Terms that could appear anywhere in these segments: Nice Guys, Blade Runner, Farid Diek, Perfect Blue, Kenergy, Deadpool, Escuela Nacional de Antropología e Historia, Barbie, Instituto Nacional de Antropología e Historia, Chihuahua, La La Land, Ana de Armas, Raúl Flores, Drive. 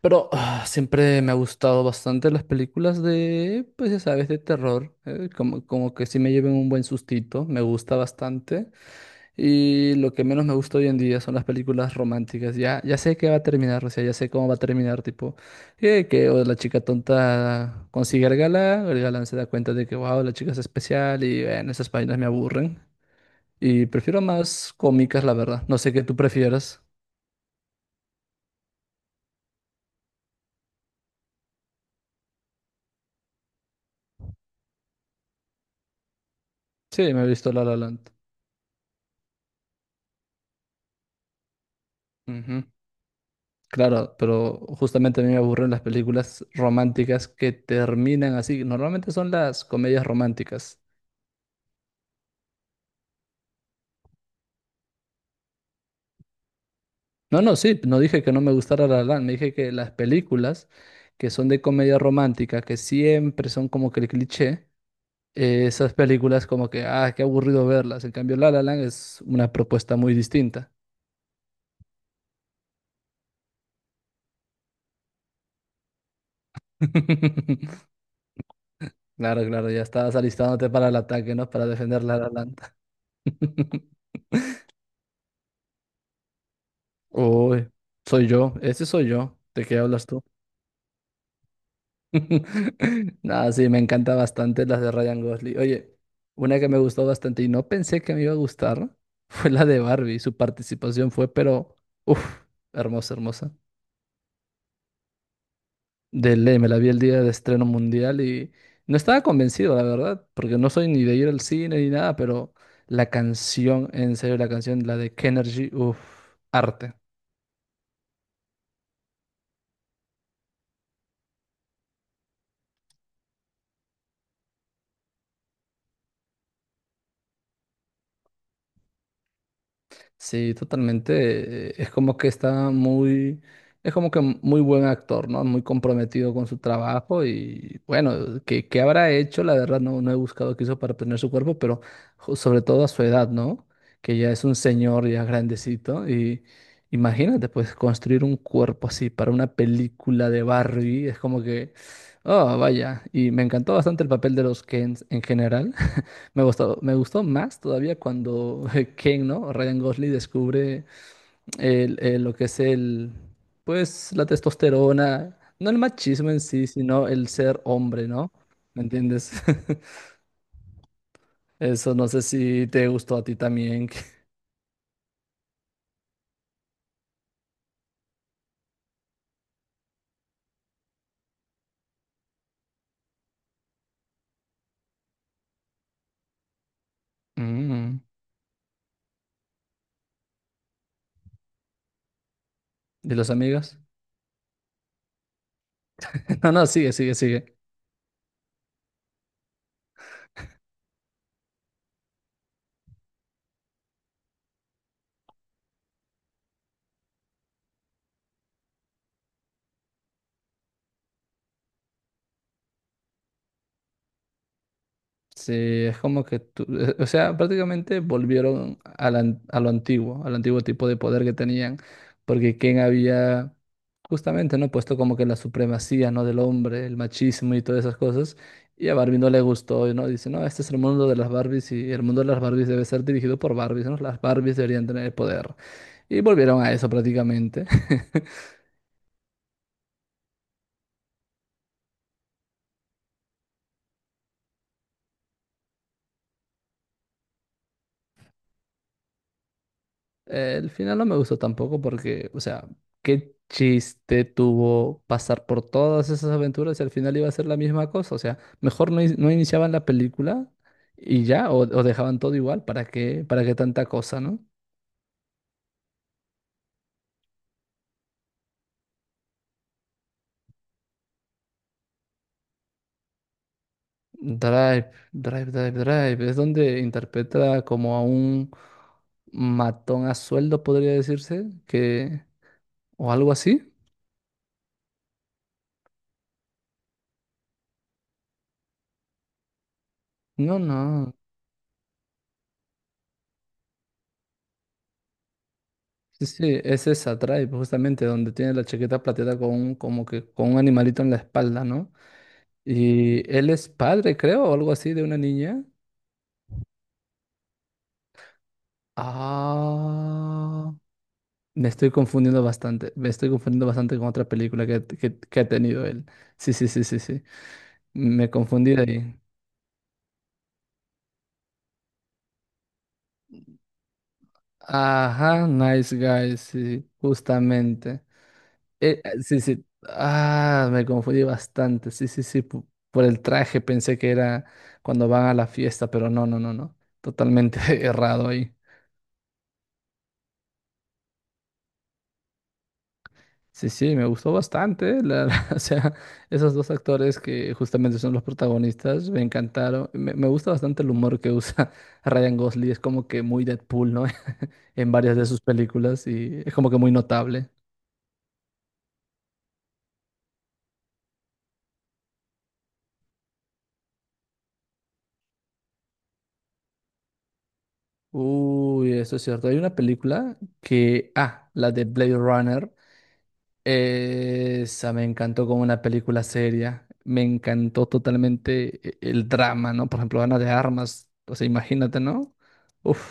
Pero siempre me ha gustado bastante las películas de, pues ya sabes, de terror. Como que sí me lleven un buen sustito, me gusta bastante. Y lo que menos me gusta hoy en día son las películas románticas. Ya sé que va a terminar, o sea, ya sé cómo va a terminar, tipo, que o la chica tonta consigue al galán, el galán se da cuenta de que, wow, la chica es especial y bueno, esas páginas me aburren. Y prefiero más cómicas, la verdad. No sé qué tú prefieras. Sí, me he visto La La Land. Claro, pero justamente a mí me aburren las películas románticas que terminan así. Normalmente son las comedias románticas. No, no, sí, no dije que no me gustara La La Land, me dije que las películas que son de comedia romántica, que siempre son como que el cliché, esas películas como que, ah, qué aburrido verlas. En cambio, La La Land es una propuesta muy distinta. Claro, claro, ya estabas alistándote para el ataque, ¿no? Para defender La La Land. Uy, soy yo, ese soy yo. ¿De qué hablas tú? No, sí, me encanta bastante las de Ryan Gosling. Oye, una que me gustó bastante y no pensé que me iba a gustar fue la de Barbie. Su participación fue, pero, uff, hermosa, hermosa. De ley, me la vi el día de estreno mundial y no estaba convencido, la verdad, porque no soy ni de ir al cine ni nada, pero la canción, en serio, la canción, la de Kenergy, uff, arte. Sí, totalmente. Es como que está muy, es como que muy buen actor, ¿no? Muy comprometido con su trabajo y bueno, ¿qué habrá hecho? La verdad no, no he buscado qué hizo para tener su cuerpo, pero sobre todo a su edad, ¿no? Que ya es un señor ya grandecito y imagínate, pues construir un cuerpo así para una película de Barbie, es como que, oh, vaya, y me encantó bastante el papel de los Kens en general. Me gustó más todavía cuando Ken, ¿no? Ryan Gosling descubre lo que es el, pues, la testosterona, no el machismo en sí, sino el ser hombre, ¿no? ¿Me entiendes? Eso no sé si te gustó a ti también. Mm, ¿De los amigos? No, no, sigue, sigue, sigue. Sí, es como que tú, o sea, prácticamente volvieron a, a lo antiguo, al antiguo tipo de poder que tenían, porque Ken había justamente, ¿no? Puesto como que la supremacía, ¿no? Del hombre, el machismo y todas esas cosas. Y a Barbie no le gustó, ¿no? Dice, no, este es el mundo de las Barbies y el mundo de las Barbies debe ser dirigido por Barbies, ¿no? Las Barbies deberían tener el poder. Y volvieron a eso prácticamente. El final no me gustó tampoco porque, o sea, qué chiste tuvo pasar por todas esas aventuras y al final iba a ser la misma cosa. O sea, mejor no, no iniciaban la película y ya, o dejaban todo igual. ¿Para qué tanta cosa, ¿no? Drive, Drive, Drive, Drive. Es donde interpreta como a un matón a sueldo, podría decirse, que o algo así. No, no. Sí, sí, es esa Drive, justamente donde tiene la chaqueta plateada como que con un animalito en la espalda, ¿no? Y él es padre, creo, o algo así de una niña. Ah, me estoy confundiendo bastante. Me estoy confundiendo bastante con otra película que, que ha tenido él. Sí, sí, sí, sí, sí. Me confundí de ahí. Ajá, Nice Guys, sí, justamente. Sí, sí. Ah, me confundí bastante. Sí, sí, sí. Por el traje pensé que era cuando van a la fiesta, pero no, no, no, no. Totalmente errado ahí. Sí, sí, me gustó bastante. O sea, esos dos actores que justamente son los protagonistas me encantaron. Me gusta bastante el humor que usa Ryan Gosling. Es como que muy Deadpool, ¿no? En varias de sus películas y es como que muy notable. Uy, eso es cierto. Hay una película que, ah, la de Blade Runner. Esa me encantó como una película seria. Me encantó totalmente el drama, ¿no? Por ejemplo, Ana de Armas. O sea, imagínate, ¿no? Uf,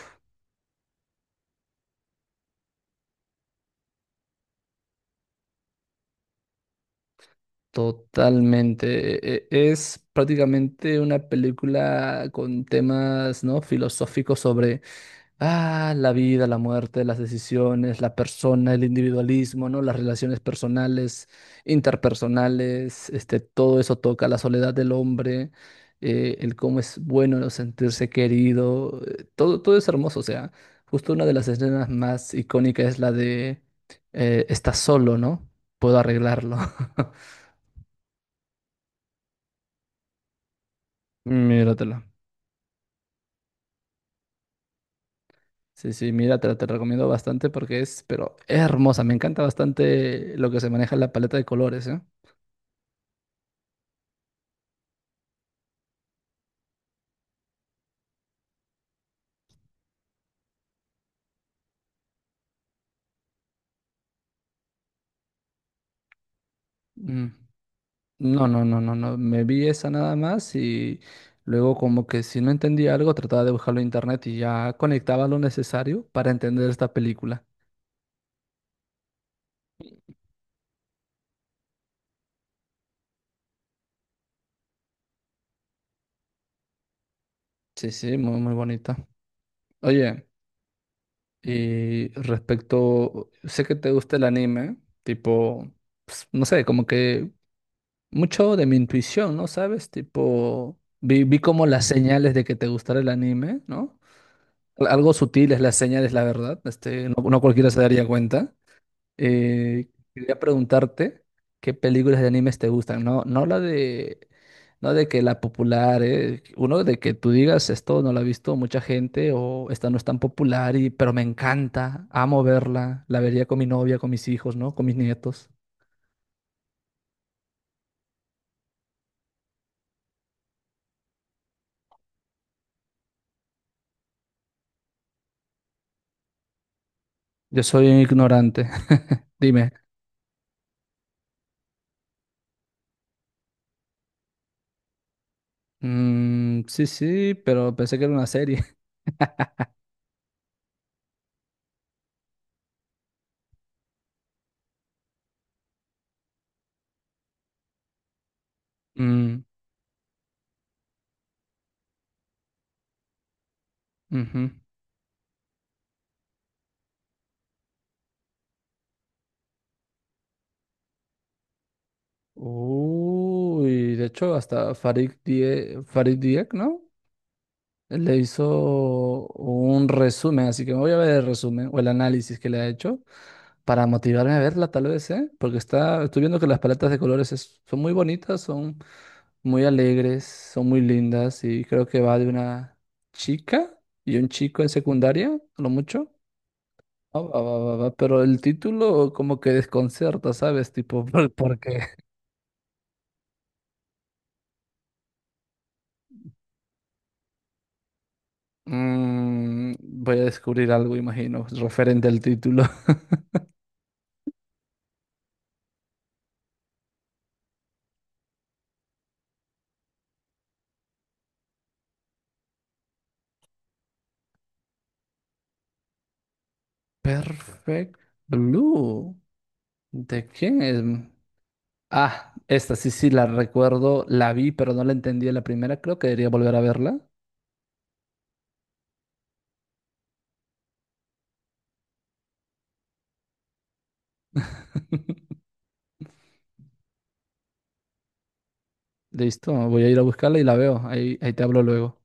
totalmente. Es prácticamente una película con temas, ¿no? Filosóficos. Ah, la vida, la muerte, las decisiones, la persona, el individualismo, ¿no? Las relaciones personales, interpersonales, este, todo eso toca la soledad del hombre, el cómo es bueno no sentirse querido, todo, todo es hermoso, o sea, justo una de las escenas más icónicas es la de estás solo, ¿no? Puedo arreglarlo. Míratela. Sí, sí, míratela, te recomiendo bastante porque es, pero es hermosa, me encanta bastante lo que se maneja en la paleta de colores, ¿eh? Mm. No, no, no, no, no. Me vi esa nada más y luego como que si no entendía algo trataba de buscarlo en internet y ya conectaba lo necesario para entender esta película. Sí, sí, muy, muy bonita. Oye, y respecto, sé que te gusta el anime, tipo, no sé, como que mucho de mi intuición, ¿no? ¿Sabes? Tipo, vi como las señales de que te gustara el anime, ¿no? Algo sutiles las señales, la verdad. Este, no, no cualquiera se daría cuenta. Eh, quería preguntarte qué películas de animes te gustan. No, no la de, no de que la popular, uno de que tú digas esto no la ha visto mucha gente o esta no es tan popular y, pero me encanta, amo verla, la vería con mi novia, con mis hijos, ¿no? Con mis nietos. Yo soy un ignorante. Dime. Mm, sí, sí, pero pensé que era una serie. Mm, ujú. Uy, de hecho hasta Farid Diek, ¿no? Le hizo un resumen, así que me voy a ver el resumen o el análisis que le ha hecho para motivarme a verla, tal vez, ¿eh? Porque está, estoy viendo que las paletas de colores son muy bonitas, son muy alegres, son muy lindas y creo que va de una chica y un chico en secundaria, a lo mucho. Ah, pero el título como que desconcerta, ¿sabes? Tipo, ¿por qué? Mm, voy a descubrir algo, imagino, referente al título. Perfect Blue. ¿De quién es? Ah, esta sí, sí, la recuerdo. La vi, pero no la entendí en la primera. Creo que debería volver a verla. Listo, voy a ir a buscarla y la veo. Ahí, ahí te hablo luego.